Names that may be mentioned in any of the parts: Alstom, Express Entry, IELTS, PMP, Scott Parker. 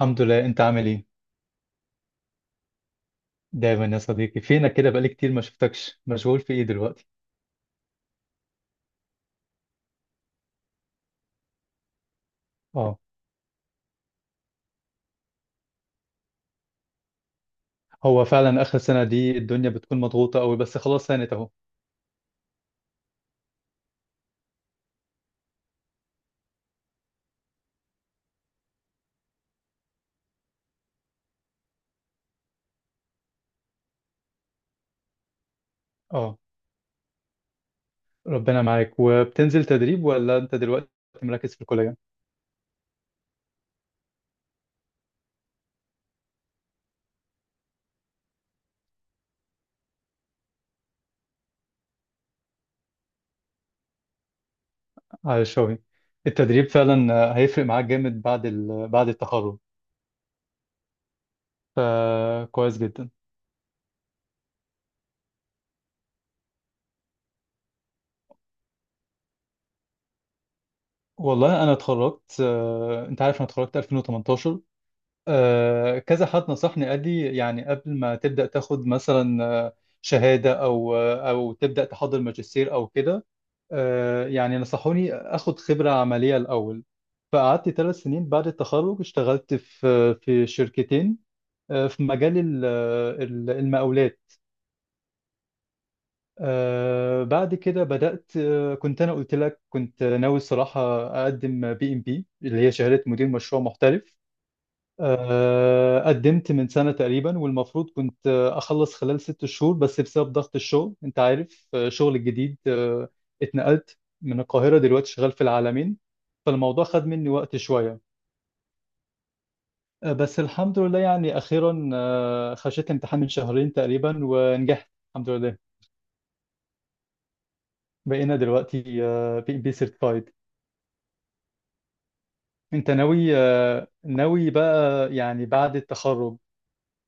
الحمد لله، انت عامل ايه؟ دايما يا صديقي فينك كده، بقالي كتير ما شفتكش. مشغول في ايه دلوقتي؟ اه. هو فعلا اخر سنة دي الدنيا بتكون مضغوطة قوي، بس خلاص سانت اهو. اه. ربنا معاك. وبتنزل تدريب ولا انت دلوقتي مركز في الكلية على الشغل؟ التدريب فعلا هيفرق معاك جامد بعد بعد التخرج. فكويس جدا. والله انا اتخرجت، انت عارف انا اتخرجت 2018. كذا حد نصحني قال لي يعني قبل ما تبدأ تاخد مثلا شهادة، أو تبدأ تحضر ماجستير أو كده. يعني نصحوني أخد خبرة عملية الأول. فقعدت 3 سنين بعد التخرج، اشتغلت في شركتين. في مجال المقاولات. بعد كده بدأت، كنت أنا قلت لك كنت ناوي الصراحة أقدم بي إم بي، اللي هي شهادة مدير مشروع محترف. قدمت من سنة تقريبا، والمفروض كنت أخلص خلال 6 شهور، بس بسبب ضغط الشغل أنت عارف، شغل الجديد، اتنقلت من القاهرة، دلوقتي شغال في العالمين، فالموضوع خد مني وقت شوية. بس الحمد لله يعني أخيرا خشيت امتحان من شهرين تقريبا ونجحت الحمد لله. بقينا دلوقتي بي ام بي سيرتيفايد. أنت ناوي بقى يعني بعد التخرج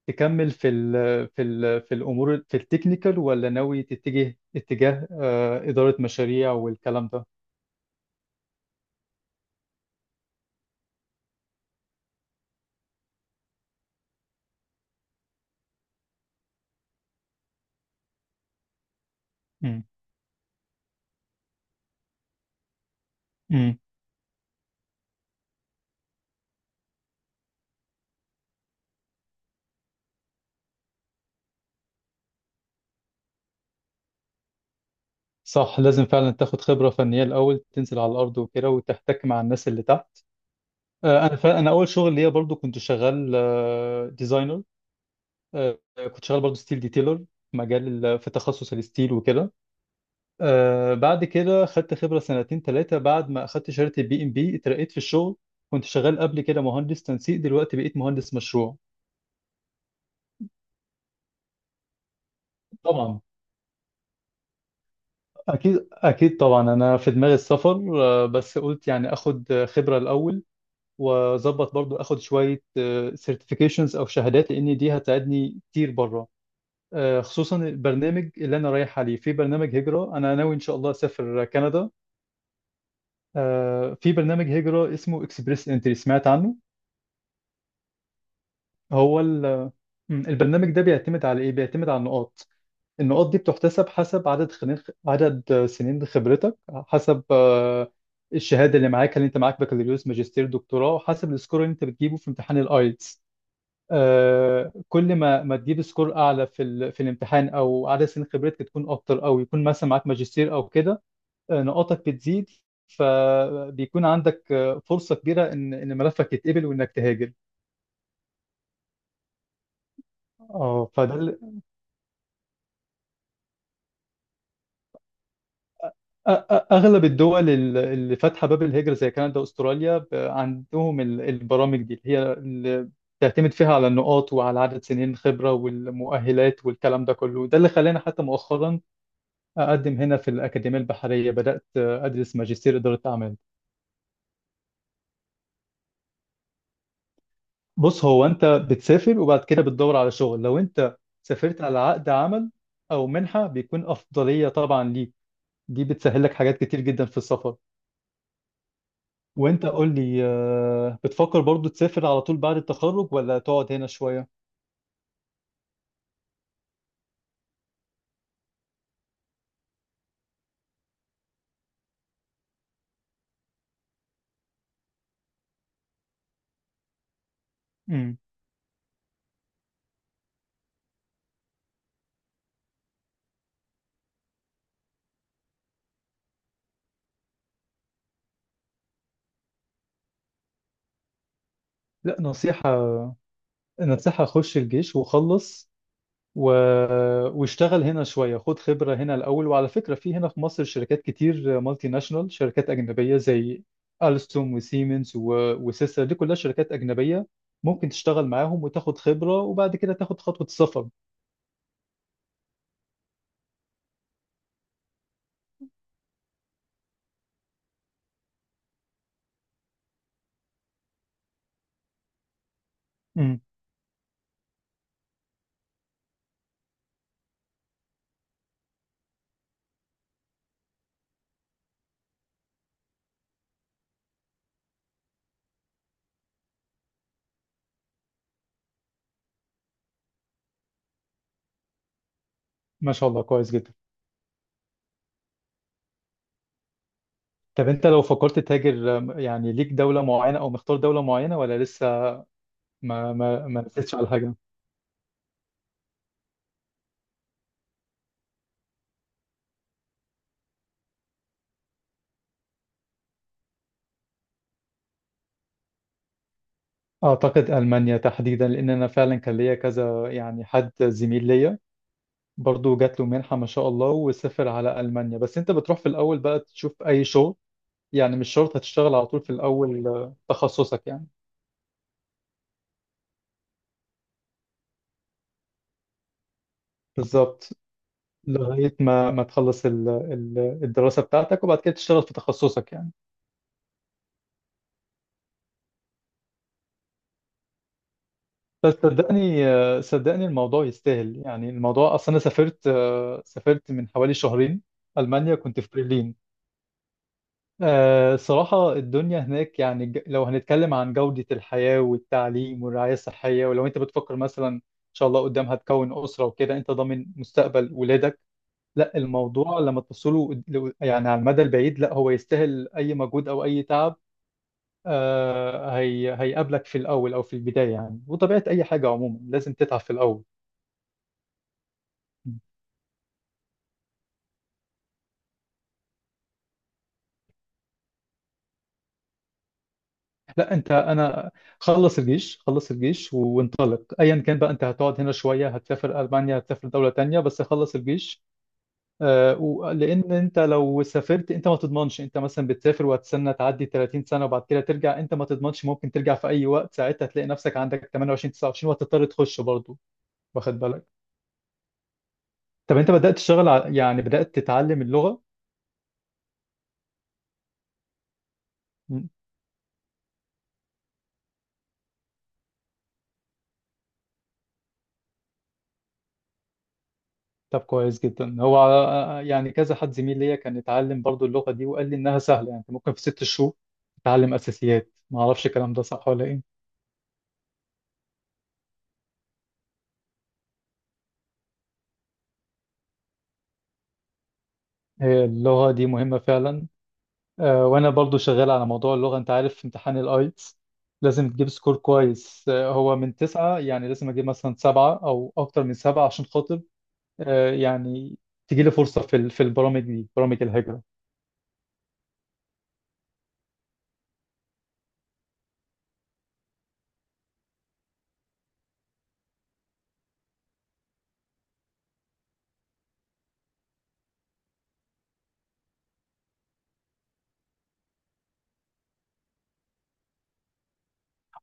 تكمل في الامور في التكنيكال، ولا ناوي تتجه اتجاه اداره مشاريع والكلام ده؟ مم. مم. صح، لازم فعلا تاخد خبره فنيه الاول، تنزل على الارض وكده وتحتك مع الناس اللي تحت. انا فعلا، انا اول شغل ليا برضو كنت شغال ديزاينر. كنت شغال برضو ستيل ديتيلر في مجال في تخصص الستيل وكده. بعد كده خدت خبره سنتين ثلاثه، بعد ما اخدت شهاده البي ام بي، اترقيت في الشغل. كنت شغال قبل كده مهندس تنسيق، دلوقتي بقيت مهندس مشروع. طبعا. اكيد اكيد، طبعا انا في دماغي السفر، بس قلت يعني اخد خبره الاول، واظبط برضو اخد شويه سيرتيفيكيشنز او شهادات، لان دي هتساعدني كتير بره. خصوصا البرنامج اللي انا رايح عليه، في برنامج هجره انا ناوي ان شاء الله اسافر كندا. في برنامج هجره اسمه اكسبريس انتري، سمعت عنه؟ هو ال- آه، البرنامج ده بيعتمد على ايه؟ بيعتمد على النقاط. النقاط دي بتحتسب حسب عدد سنين خبرتك، حسب الشهاده اللي معاك، هل انت معاك بكالوريوس ماجستير دكتوراه، وحسب السكور اللي انت بتجيبه في امتحان الايلتس. كل ما تجيب سكور اعلى في الامتحان، او عدد سنين خبرتك تكون اكتر، او يكون مثلا معاك ماجستير او كده، نقاطك بتزيد. فبيكون عندك فرصه كبيره ان ملفك يتقبل، وانك تهاجر. اه فده اغلب الدول اللي فاتحه باب الهجره زي كندا واستراليا، عندهم البرامج دي، اللي بتعتمد فيها على النقاط وعلى عدد سنين خبره والمؤهلات والكلام ده كله. ده اللي خلاني حتى مؤخرا اقدم هنا في الاكاديميه البحريه، بدات ادرس ماجستير اداره اعمال. بص، هو انت بتسافر وبعد كده بتدور على شغل. لو انت سافرت على عقد عمل او منحه بيكون افضليه طبعا ليك، دي بتسهل لك حاجات كتير جدا في السفر. وانت قول لي، بتفكر برضو تسافر على طول بعد التخرج ولا تقعد هنا شوية؟ امم لا، نصيحة، نصيحة خش الجيش وخلص، و... واشتغل هنا شوية، خد خبرة هنا الأول. وعلى فكرة في هنا في مصر شركات كتير مالتي ناشونال، شركات أجنبية زي ألستوم وسيمنز وسيسر، دي كلها شركات أجنبية، ممكن تشتغل معاهم وتاخد خبرة وبعد كده تاخد خطوة السفر. امم ما شاء الله، كويس جدا. طب انت لو فكرت تهاجر، يعني ليك دولة معينة او مختار دولة معينة ولا لسه ما رسيتش على حاجة؟ اعتقد المانيا تحديدا، لان انا فعلا كان ليا كذا يعني حد زميل ليا برضو جات له منحة ما شاء الله وسافر على المانيا. بس انت بتروح في الاول بقى تشوف اي شغل، يعني مش شرط هتشتغل على طول في الاول تخصصك يعني. بالظبط، لغاية ما تخلص الدراسة بتاعتك، وبعد كده تشتغل في تخصصك يعني. بس صدقني، صدقني، الموضوع يستاهل. يعني الموضوع اصلا انا سافرت من حوالي شهرين المانيا، كنت في برلين. صراحة الدنيا هناك يعني، لو هنتكلم عن جودة الحياة والتعليم والرعاية الصحية، ولو انت بتفكر مثلا ان شاء الله قدام هتكون أسرة وكده، انت ضامن مستقبل ولادك. لا، الموضوع لما تبصله يعني على المدى البعيد، لا هو يستاهل اي مجهود او اي تعب. هي هيقابلك في الاول او في البداية يعني، وطبيعة اي حاجة عموما لازم تتعب في الاول. لا انت انا خلص الجيش، خلص الجيش وانطلق ايا كان بقى. انت هتقعد هنا شويه، هتسافر المانيا، هتسافر دوله تانية، بس خلص الجيش. لان انت لو سافرت، انت ما تضمنش، انت مثلا بتسافر وهتستنى تعدي 30 سنه وبعد كده ترجع، انت ما تضمنش، ممكن ترجع في اي وقت، ساعتها تلاقي نفسك عندك 28 29 وهتضطر تخش برضه. واخد بالك؟ طب انت بدات تشتغل يعني بدات تتعلم اللغه؟ طب كويس جدا. هو يعني كذا حد زميل ليا كان اتعلم برضو اللغة دي، وقال لي انها سهلة، يعني انت ممكن في 6 شهور تتعلم اساسيات، ما اعرفش الكلام ده صح ولا ايه. هي اللغة دي مهمة فعلا. وانا برضو شغال على موضوع اللغة، انت عارف في امتحان الايتس لازم تجيب سكور كويس، هو من 9، يعني لازم اجيب مثلا 7 او اكتر من 7 عشان خاطر يعني تجيلي فرصة في البرامج دي، برامج الهجرة.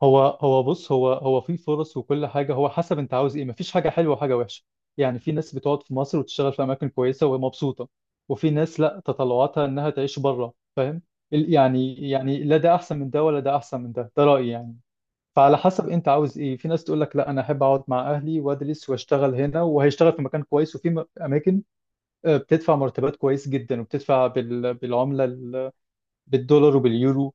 هو هو بص، هو هو في فرص. وكل حاجه هو حسب انت عاوز ايه، مفيش حاجه حلوه وحاجه وحشه. يعني في ناس بتقعد في مصر وتشتغل في اماكن كويسه ومبسوطه، وفي ناس لا، تطلعاتها انها تعيش بره، فاهم. يعني لا ده احسن من ده ولا ده احسن من ده، ده رايي يعني. فعلى حسب انت عاوز ايه. في ناس تقول لك لا، انا احب اقعد مع اهلي وادرس واشتغل هنا، وهيشتغل في مكان كويس، وفي اماكن بتدفع مرتبات كويس جدا، وبتدفع بالعمله بالدولار وباليورو.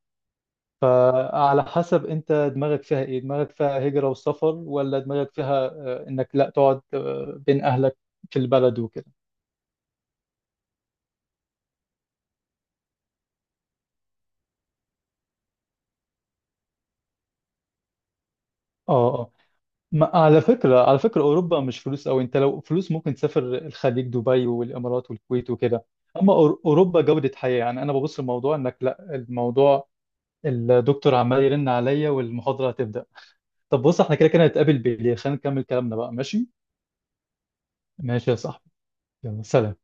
فعلى حسب انت دماغك فيها ايه، دماغك فيها هجرة وسفر، ولا دماغك فيها انك لا تقعد بين اهلك في البلد وكده. اه اه. على فكرة، اوروبا مش فلوس قوي، انت لو فلوس ممكن تسافر الخليج، دبي والامارات والكويت وكده. اما اوروبا جودة حياة. يعني انا ببص الموضوع انك لا الموضوع. الدكتور عمال يرن عليا والمحاضرة هتبدأ. طب بص، احنا كده كده هنتقابل بالليل، خلينا نكمل كلامنا بقى، ماشي؟ ماشي يا صاحبي، يلا سلام.